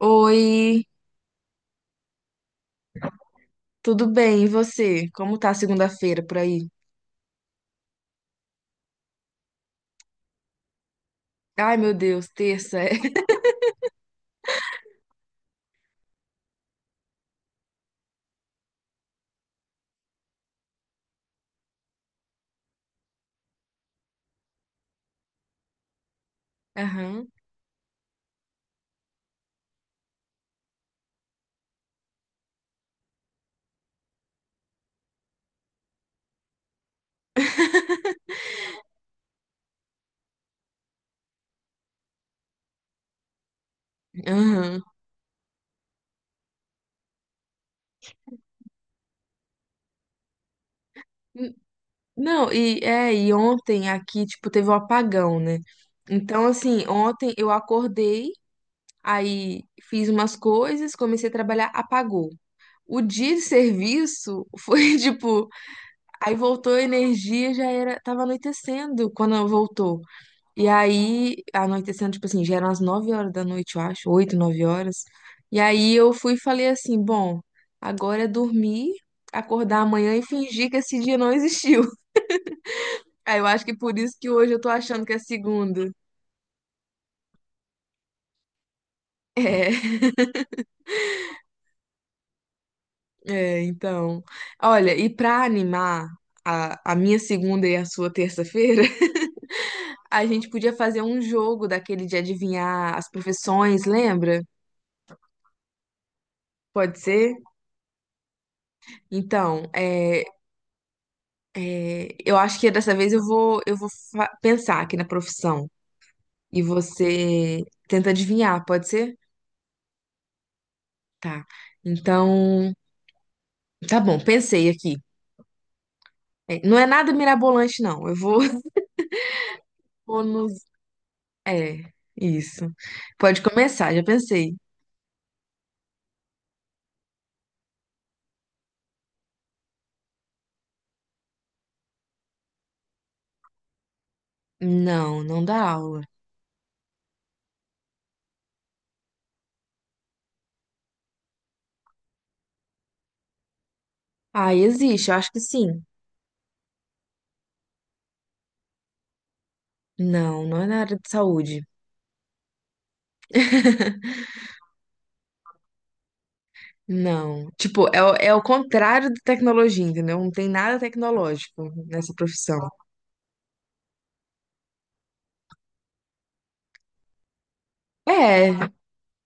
Oi, tudo bem? E você? Como tá a segunda-feira por aí? Ai, meu Deus, terça é. Aham, aham. N- Não, e é, e ontem aqui, tipo, teve um apagão, né? Então, assim, ontem eu acordei, aí fiz umas coisas, comecei a trabalhar, apagou. O dia de serviço foi tipo, aí voltou a energia, já era, tava anoitecendo quando voltou. E aí, anoitecendo, tipo assim, já eram as 9 horas da noite, eu acho, 8 9 horas. E aí eu fui e falei assim: bom, agora é dormir, acordar amanhã e fingir que esse dia não existiu. Aí eu acho que por isso que hoje eu tô achando que é segunda. É, é, então. Olha, e pra animar a minha segunda e a sua terça-feira, a gente podia fazer um jogo daquele de adivinhar as profissões, lembra? Pode ser? Então, é, é, eu acho que dessa vez pensar aqui na profissão e você tenta adivinhar, pode ser? Tá. Então, tá bom, pensei aqui. É, não é nada mirabolante, não. Eu vou, vou nos. É, isso. Pode começar, já pensei. Não, não dá aula. Ah, existe, eu acho que sim. Não, não é na área de saúde. Não. Tipo, é, é o contrário da tecnologia, entendeu? Não tem nada tecnológico nessa profissão. É,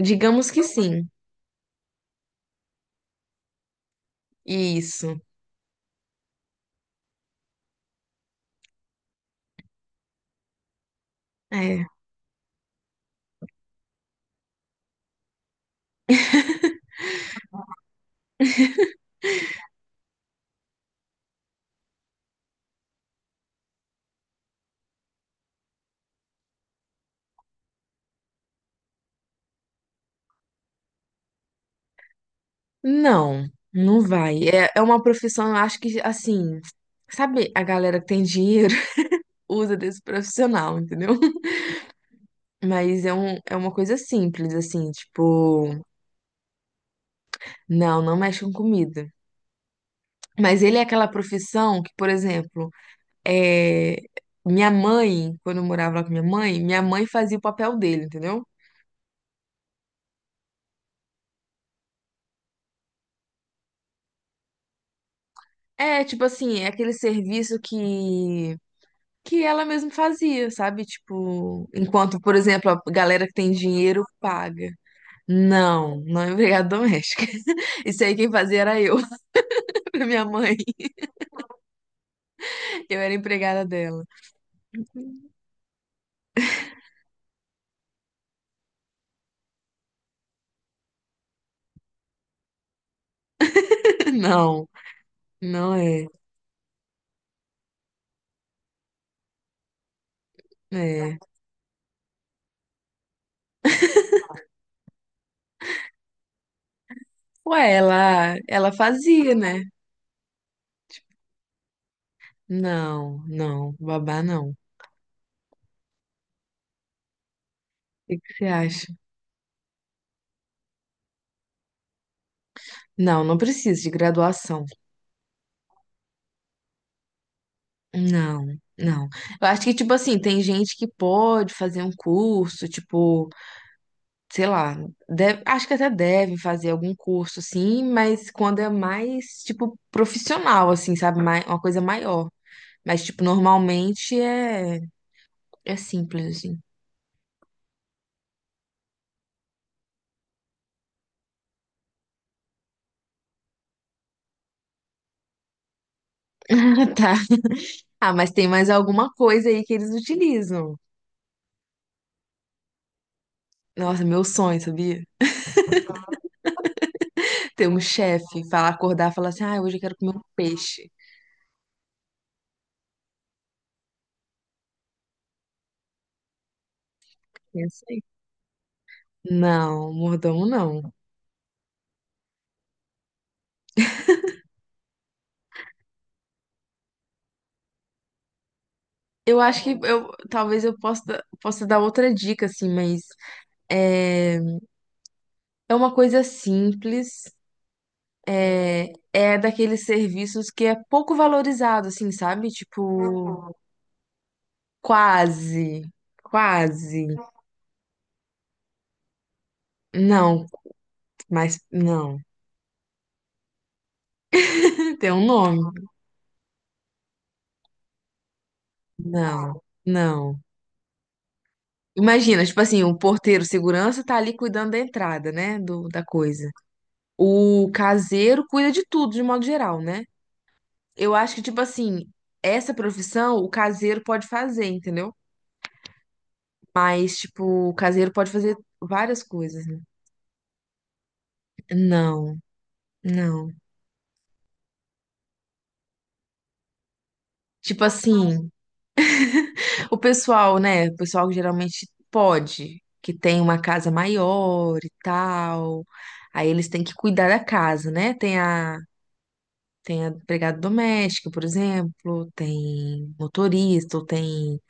digamos que sim. Isso. É. Não, não vai. É, é uma profissão, eu acho que, assim, sabe, a galera que tem dinheiro usa desse profissional, entendeu? Mas é, um, é uma coisa simples, assim, tipo, não, não mexe com comida. Mas ele é aquela profissão que, por exemplo, é, minha mãe, quando eu morava lá com minha mãe fazia o papel dele, entendeu? É, tipo assim, é aquele serviço que ela mesma fazia, sabe? Tipo, enquanto, por exemplo, a galera que tem dinheiro paga. Não, não é empregada doméstica. Isso aí quem fazia era eu, pra minha mãe. Eu era empregada dela. Não, não é. É. Ué, ela fazia, né? Não, não, babá não. O que que você acha? Não, não precisa de graduação. Não, não. Eu acho que, tipo assim, tem gente que pode fazer um curso, tipo, sei lá, acho que até devem fazer algum curso, assim, mas quando é mais, tipo, profissional, assim, sabe? Uma coisa maior. Mas, tipo, normalmente é, é simples, assim. Ah, tá. Ah, mas tem mais alguma coisa aí que eles utilizam. Nossa, meu sonho, sabia? Ter um chefe, falar, acordar, falar assim, ah, hoje eu quero comer um peixe. Pensa aí. Não, mordomo não. Eu acho que eu, talvez eu possa, possa dar outra dica, assim, mas é, é uma coisa simples, é, é daqueles serviços que é pouco valorizado, assim, sabe? Tipo, quase, quase. Não, mas não. Tem um nome? Não, não. Imagina, tipo assim, o porteiro segurança tá ali cuidando da entrada, né, do, da coisa. O caseiro cuida de tudo, de modo geral, né? Eu acho que, tipo assim, essa profissão o caseiro pode fazer, entendeu? Mas, tipo, o caseiro pode fazer várias coisas. Né? Não, não. Tipo assim, o pessoal, né? O pessoal que geralmente pode, que tem uma casa maior e tal. Aí eles têm que cuidar da casa, né? Tem a, tem a empregada doméstica, por exemplo, tem motorista, ou tem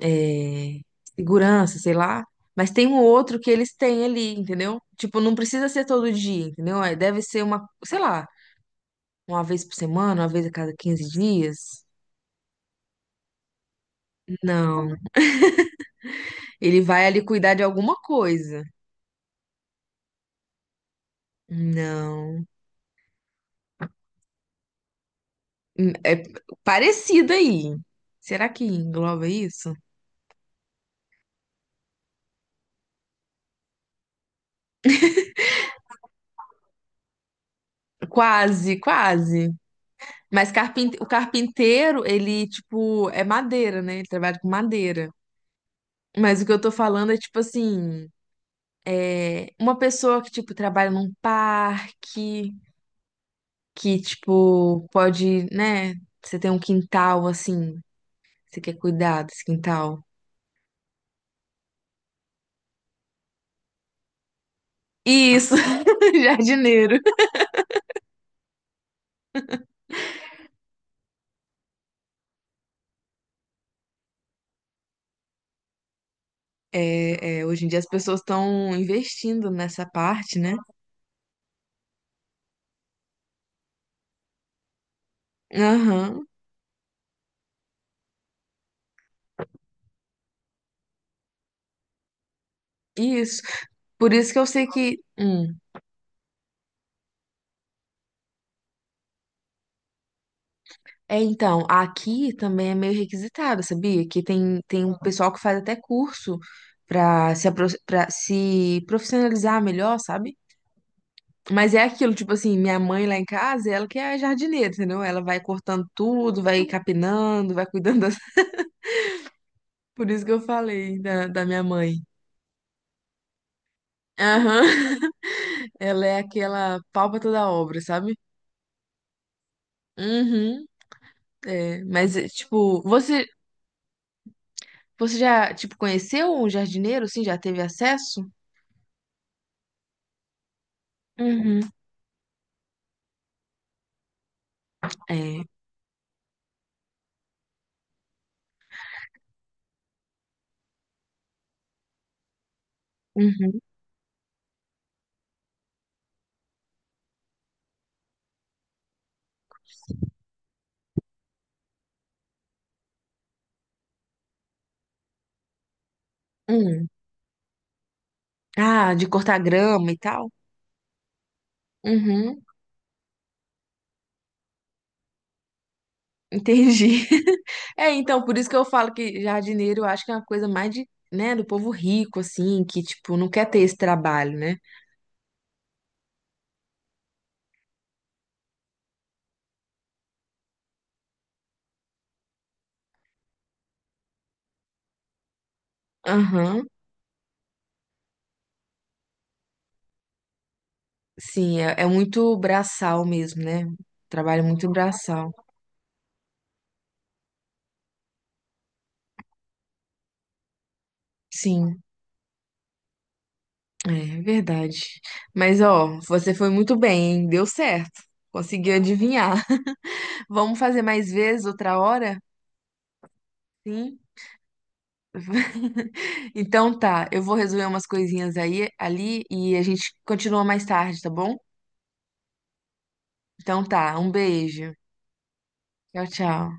é, segurança, sei lá. Mas tem um outro que eles têm ali, entendeu? Tipo, não precisa ser todo dia, entendeu? É, deve ser uma, sei lá, uma vez por semana, uma vez a cada 15 dias. Não, ele vai ali cuidar de alguma coisa. Não. É parecido aí. Será que engloba isso? Quase, quase. Mas carpinte... o carpinteiro, ele, tipo, é madeira, né? Ele trabalha com madeira. Mas o que eu tô falando é, tipo assim, é uma pessoa que, tipo, trabalha num parque, que, tipo, pode, né? Você tem um quintal, assim, você quer cuidar desse quintal. Isso, jardineiro. É, é, hoje em dia as pessoas estão investindo nessa parte, né? Aham, isso. Por isso que eu sei que. Hum. É, então, aqui também é meio requisitado, sabia? Que tem, tem um pessoal que faz até curso pra se profissionalizar melhor, sabe? Mas é aquilo, tipo assim, minha mãe lá em casa, ela que é jardineira, entendeu? Ela vai cortando tudo, vai capinando, vai cuidando das... Por isso que eu falei da minha mãe. Aham. Ela é aquela palpa toda obra, sabe? Uhum, é, mas é, tipo, você já tipo conheceu um jardineiro assim, já teve acesso? Uhum. É. Uhum. Hum. Ah, de cortar grama e tal? Uhum. Entendi. É, então, por isso que eu falo que jardineiro eu acho que é uma coisa mais de, né, do povo rico assim, que tipo não quer ter esse trabalho, né? Aham. Sim, é, é muito braçal mesmo, né? Trabalho muito braçal. Sim. É verdade. Mas ó, você foi muito bem, hein? Deu certo. Conseguiu adivinhar. Vamos fazer mais vezes outra hora? Sim. Então tá, eu vou resolver umas coisinhas aí ali e a gente continua mais tarde, tá bom? Então tá, um beijo. Tchau, tchau.